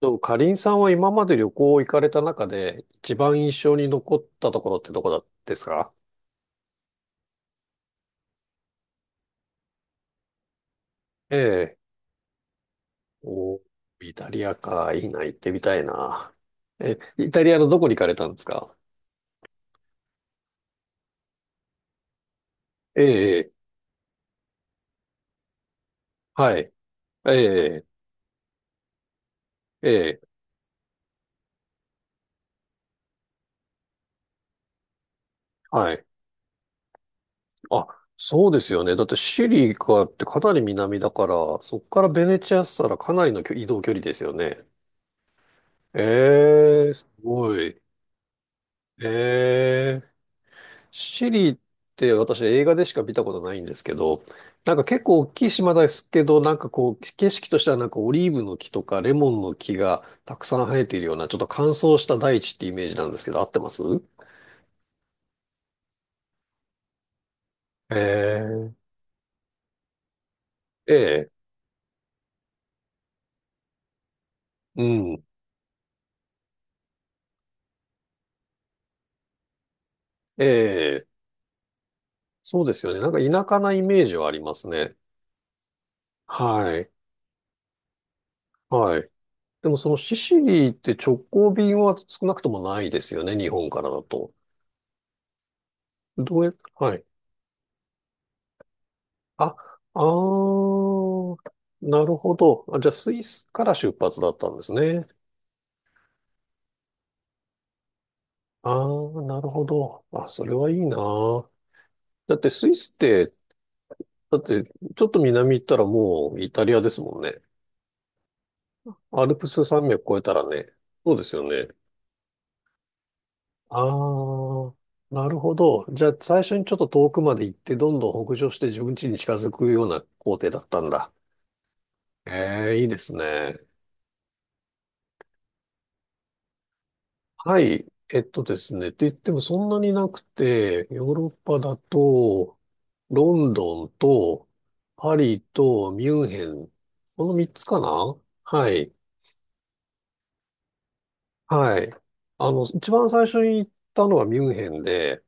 とも、かりんさんは今まで旅行行かれた中で、一番印象に残ったところってどこだですか？ええ。お、イタリアか。いいな、行ってみたいな。え、イタリアのどこに行かれたんですか？ええ、ええ。はい。ええ、ええ、はい。あ、そうですよね。だってシリカってかなり南だから、そこからベネチアしたらかなりの距移動距離ですよね。ええ、すごい。ええ、シリって私映画でしか見たことないんですけど、なんか結構大きい島ですけど、なんかこう景色としてはなんかオリーブの木とかレモンの木がたくさん生えているようなちょっと乾燥した大地ってイメージなんですけど、合ってますえー、ええ、うん、ええ、そうですよね。なんか田舎なイメージはありますね。はい、はい。でもそのシシリって直行便は少なくともないですよね、日本からだと。どうや、はい。あ、あー、なるほど。あ、じゃあ、スイスから出発だったんですね。ああ、なるほど。あ、それはいいな。だってスイスって、だってちょっと南行ったらもうイタリアですもんね。アルプス山脈越えたらね。そうですよね。ああ、なるほど。じゃあ最初にちょっと遠くまで行って、どんどん北上して自分家に近づくような行程だったんだ。ええ、いいですね。はい。えっとですね。って言ってもそんなになくて、ヨーロッパだと、ロンドンと、パリと、ミュンヘン。この三つかな？はい。はい。一番最初に行ったのはミュンヘンで、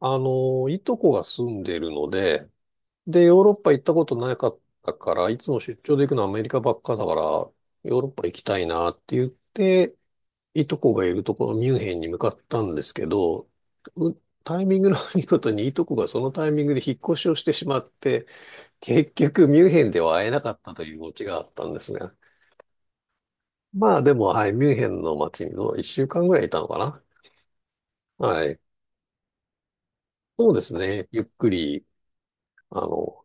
いとこが住んでるので、で、ヨーロッパ行ったことなかったから、いつも出張で行くのはアメリカばっかだから、ヨーロッパ行きたいなって言って、いとこがいるところ、ミュンヘンに向かったんですけど、うタイミングの悪いことにいとこがそのタイミングで引っ越しをしてしまって、結局ミュンヘンでは会えなかったというオチがあったんですね。まあでも、はい、ミュンヘンの街にの1週間ぐらいいたのかな。はい。そうですね。ゆっくり、あの、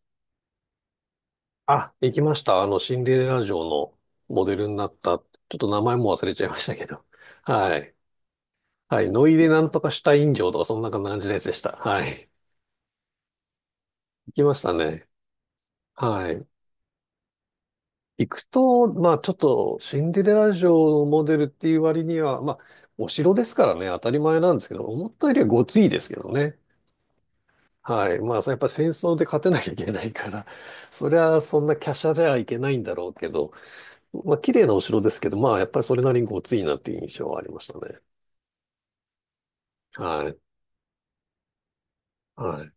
あ、行きました。シンデレラ城のモデルになった。ちょっと名前も忘れちゃいましたけど。はい。はい。ノイでなんとかシュタイン城とかそんな感じのやつでした。はい。行きましたね。はい。行くと、まあちょっとシンデレラ城のモデルっていう割には、まあお城ですからね、当たり前なんですけど、思ったよりはごついですけどね。はい。まあやっぱり戦争で勝てなきゃいけないから、そりゃそんな華奢じゃいけないんだろうけど、まあ綺麗なお城ですけど、まあやっぱりそれなりにごついなっていう印象はありましたね。はい。はい。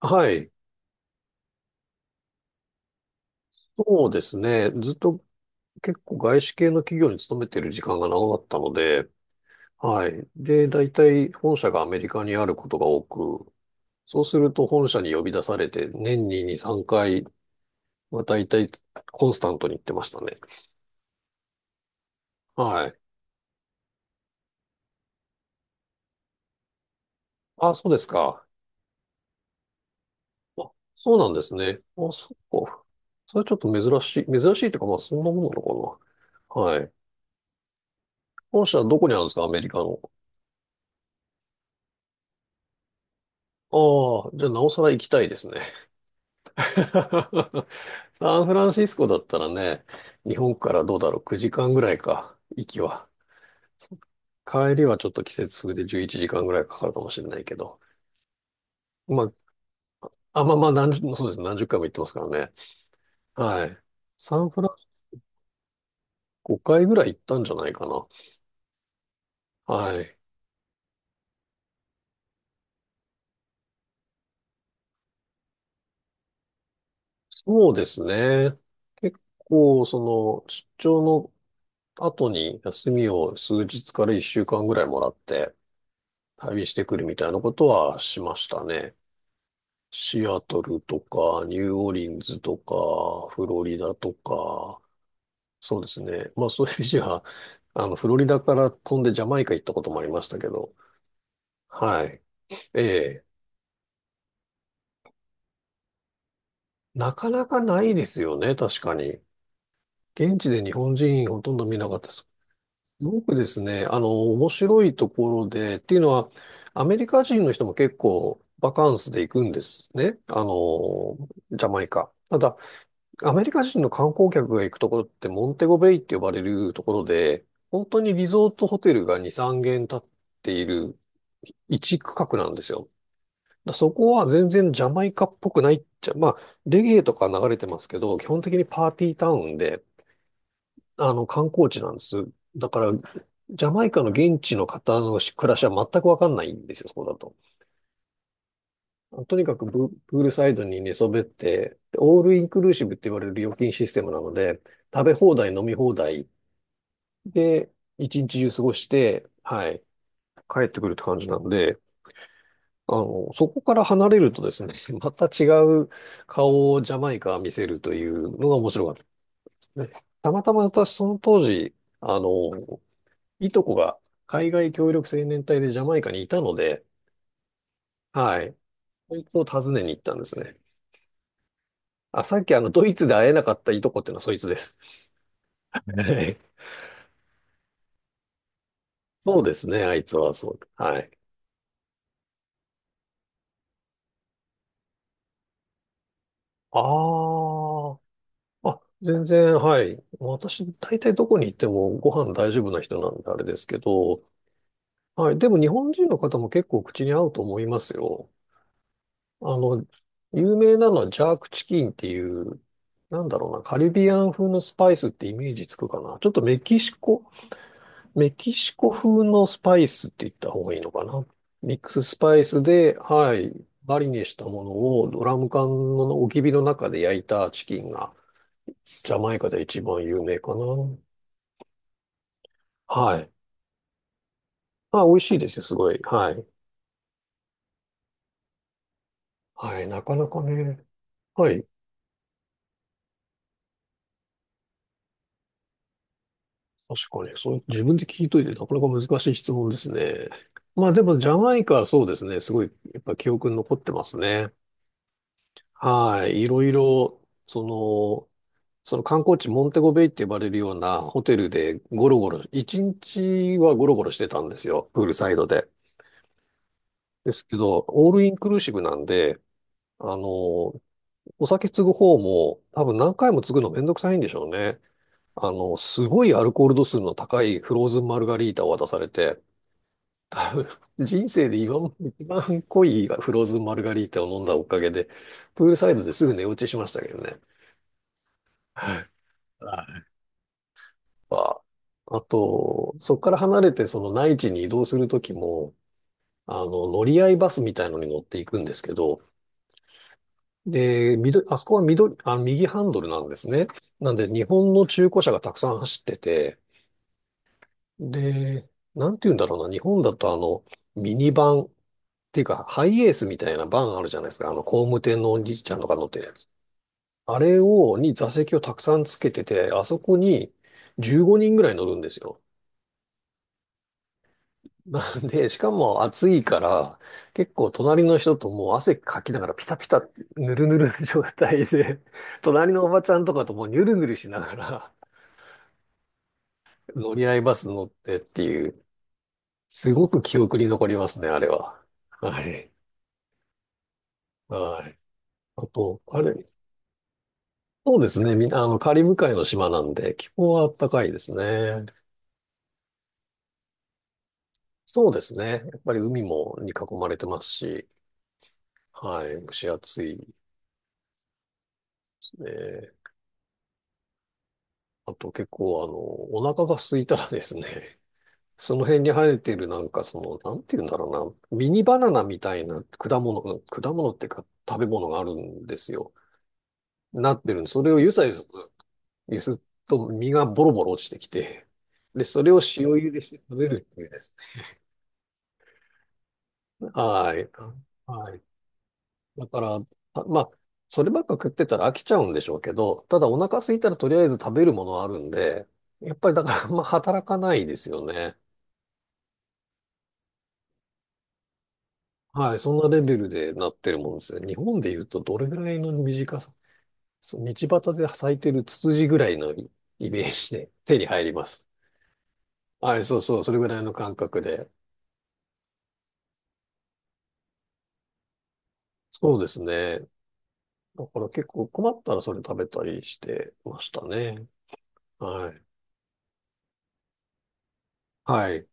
はい。そうですね。ずっと結構外資系の企業に勤めてる時間が長かったので、はい。で、大体本社がアメリカにあることが多く、そうすると本社に呼び出されて年に2、3回は大体コンスタントに行ってましたね。はい。あ、そうですか。あ、そうなんですね。あ、そっか。それはちょっと珍しい、珍しいというかまあそんなものなのかな。はい。本社どこにあるんですか、アメリカの。ああ、じゃあなおさら行きたいですね。サンフランシスコだったらね、日本からどうだろう、9時間ぐらいか、行きは。そ帰りはちょっと季節風で11時間ぐらいかかるかもしれないけど。まあ、あ、まあまあ、そうですね。何十回も行ってますからね。はい。サンフランシス5回ぐらい行ったんじゃないかな。はい。そうですね。結構、出張の後に休みを数日から1週間ぐらいもらって旅してくるみたいなことはしましたね。シアトルとか、ニューオーリンズとか、フロリダとか、そうですね。まあそういう意味では フロリダから飛んでジャマイカ行ったこともありましたけど、はい。ええ、なかなかないですよね、確かに。現地で日本人ほとんど見なかったです。すごくですね、面白いところで、っていうのは、アメリカ人の人も結構バカンスで行くんですね。ジャマイカ。ただ、アメリカ人の観光客が行くところってモンテゴベイって呼ばれるところで、本当にリゾートホテルが2、3軒建っている一区画なんですよ。だそこは全然ジャマイカっぽくないっちゃ、まあ、レゲエとか流れてますけど、基本的にパーティータウンで、観光地なんです。だから、ジャマイカの現地の方の暮らしは全くわかんないんですよ、そこだと。とにかくププールサイドに寝そべって、オールインクルーシブって言われる料金システムなので、食べ放題、飲み放題で、一日中過ごして、はい、帰ってくるって感じなので、そこから離れるとですね、また違う顔をジャマイカは見せるというのが面白かったですね。たまたま私その当時、あの、いとこが海外協力青年隊でジャマイカにいたので、はい、そいつを訪ねに行ったんですね。あ、さっきドイツで会えなかったいとこっていうのはそいつです。そうですね、あいつはそう。はい。ああ、あ、全然、はい。私、大体どこに行ってもご飯大丈夫な人なんであれですけど、はい。でも日本人の方も結構口に合うと思いますよ。あの、有名なのはジャークチキンっていう、なんだろうな、カリビアン風のスパイスってイメージつくかな。ちょっとメキシコ風のスパイスって言った方がいいのかな。ミックススパイスで、はい、マリネしたものをドラム缶の置き火の中で焼いたチキンが、ジャマイカで一番有名かな。はい。まあ、美味しいですよ、すごい。はい。はい、なかなかね。はい。確かに、そう、自分で聞いといて、なかなか難しい質問ですね。まあでも、ジャマイカはそうですね。すごい、やっぱ記憶に残ってますね。はい。いろいろ、その、その観光地モンテゴベイって呼ばれるようなホテルでゴロゴロ、一日はゴロゴロしてたんですよ、プールサイドで。ですけど、オールインクルーシブなんで、あの、お酒継ぐ方も多分何回も継ぐのめんどくさいんでしょうね。すごいアルコール度数の高いフローズンマルガリータを渡されて、多分人生で今まで一番濃いフローズンマルガリータを飲んだおかげで、プールサイドですぐ寝落ちしましたけどね。はいか、あと、そこから離れてその内地に移動するときも、乗り合いバスみたいのに乗っていくんですけど、で、緑、あそこは緑、あ、右ハンドルなんですね。なんで、日本の中古車がたくさん走ってて、で、なんて言うんだろうな、日本だとミニバンっていうか、ハイエースみたいなバンあるじゃないですか。工務店のおじいちゃんとか乗ってるやつ。あれを、に座席をたくさんつけてて、あそこに15人ぐらい乗るんですよ。なんで、しかも暑いから、結構隣の人ともう汗かきながらピタピタ、ぬるぬるの状態で、隣のおばちゃんとかともうニュルニュルしながら 乗り合いバス乗ってっていう、すごく記憶に残りますね、あれは。はい。はい。あと、あれ、そうですね、みんな、カリブ海の島なんで、気候は暖かいですね。そうですね。やっぱり海もに囲まれてますし、はい、蒸し暑いですね。あと結構お腹が空いたらですね、その辺に生えてるなんかなんて言うんだろうな、ミニバナナみたいな果物、果物っていうか食べ物があるんですよ。なってるんで、それをゆさゆす、ゆすっと実がボロボロ落ちてきて、で、それを塩茹でして食べるっていうですね。はい。はい。だから、あまあ、そればっか食ってたら飽きちゃうんでしょうけど、ただお腹空いたらとりあえず食べるものはあるんで、やっぱりだからあんま働かないですよね。はい、そんなレベルでなってるもんですね。日本で言うとどれぐらいの短さ、そう道端で咲いてるツツジぐらいのイイメージで手に入ります。はい、そうそう、それぐらいの感覚で。そうですね。だから結構困ったらそれ食べたりしてましたね。はい。はい。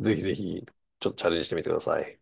ぜひぜひ、ちょっとチャレンジしてみてください。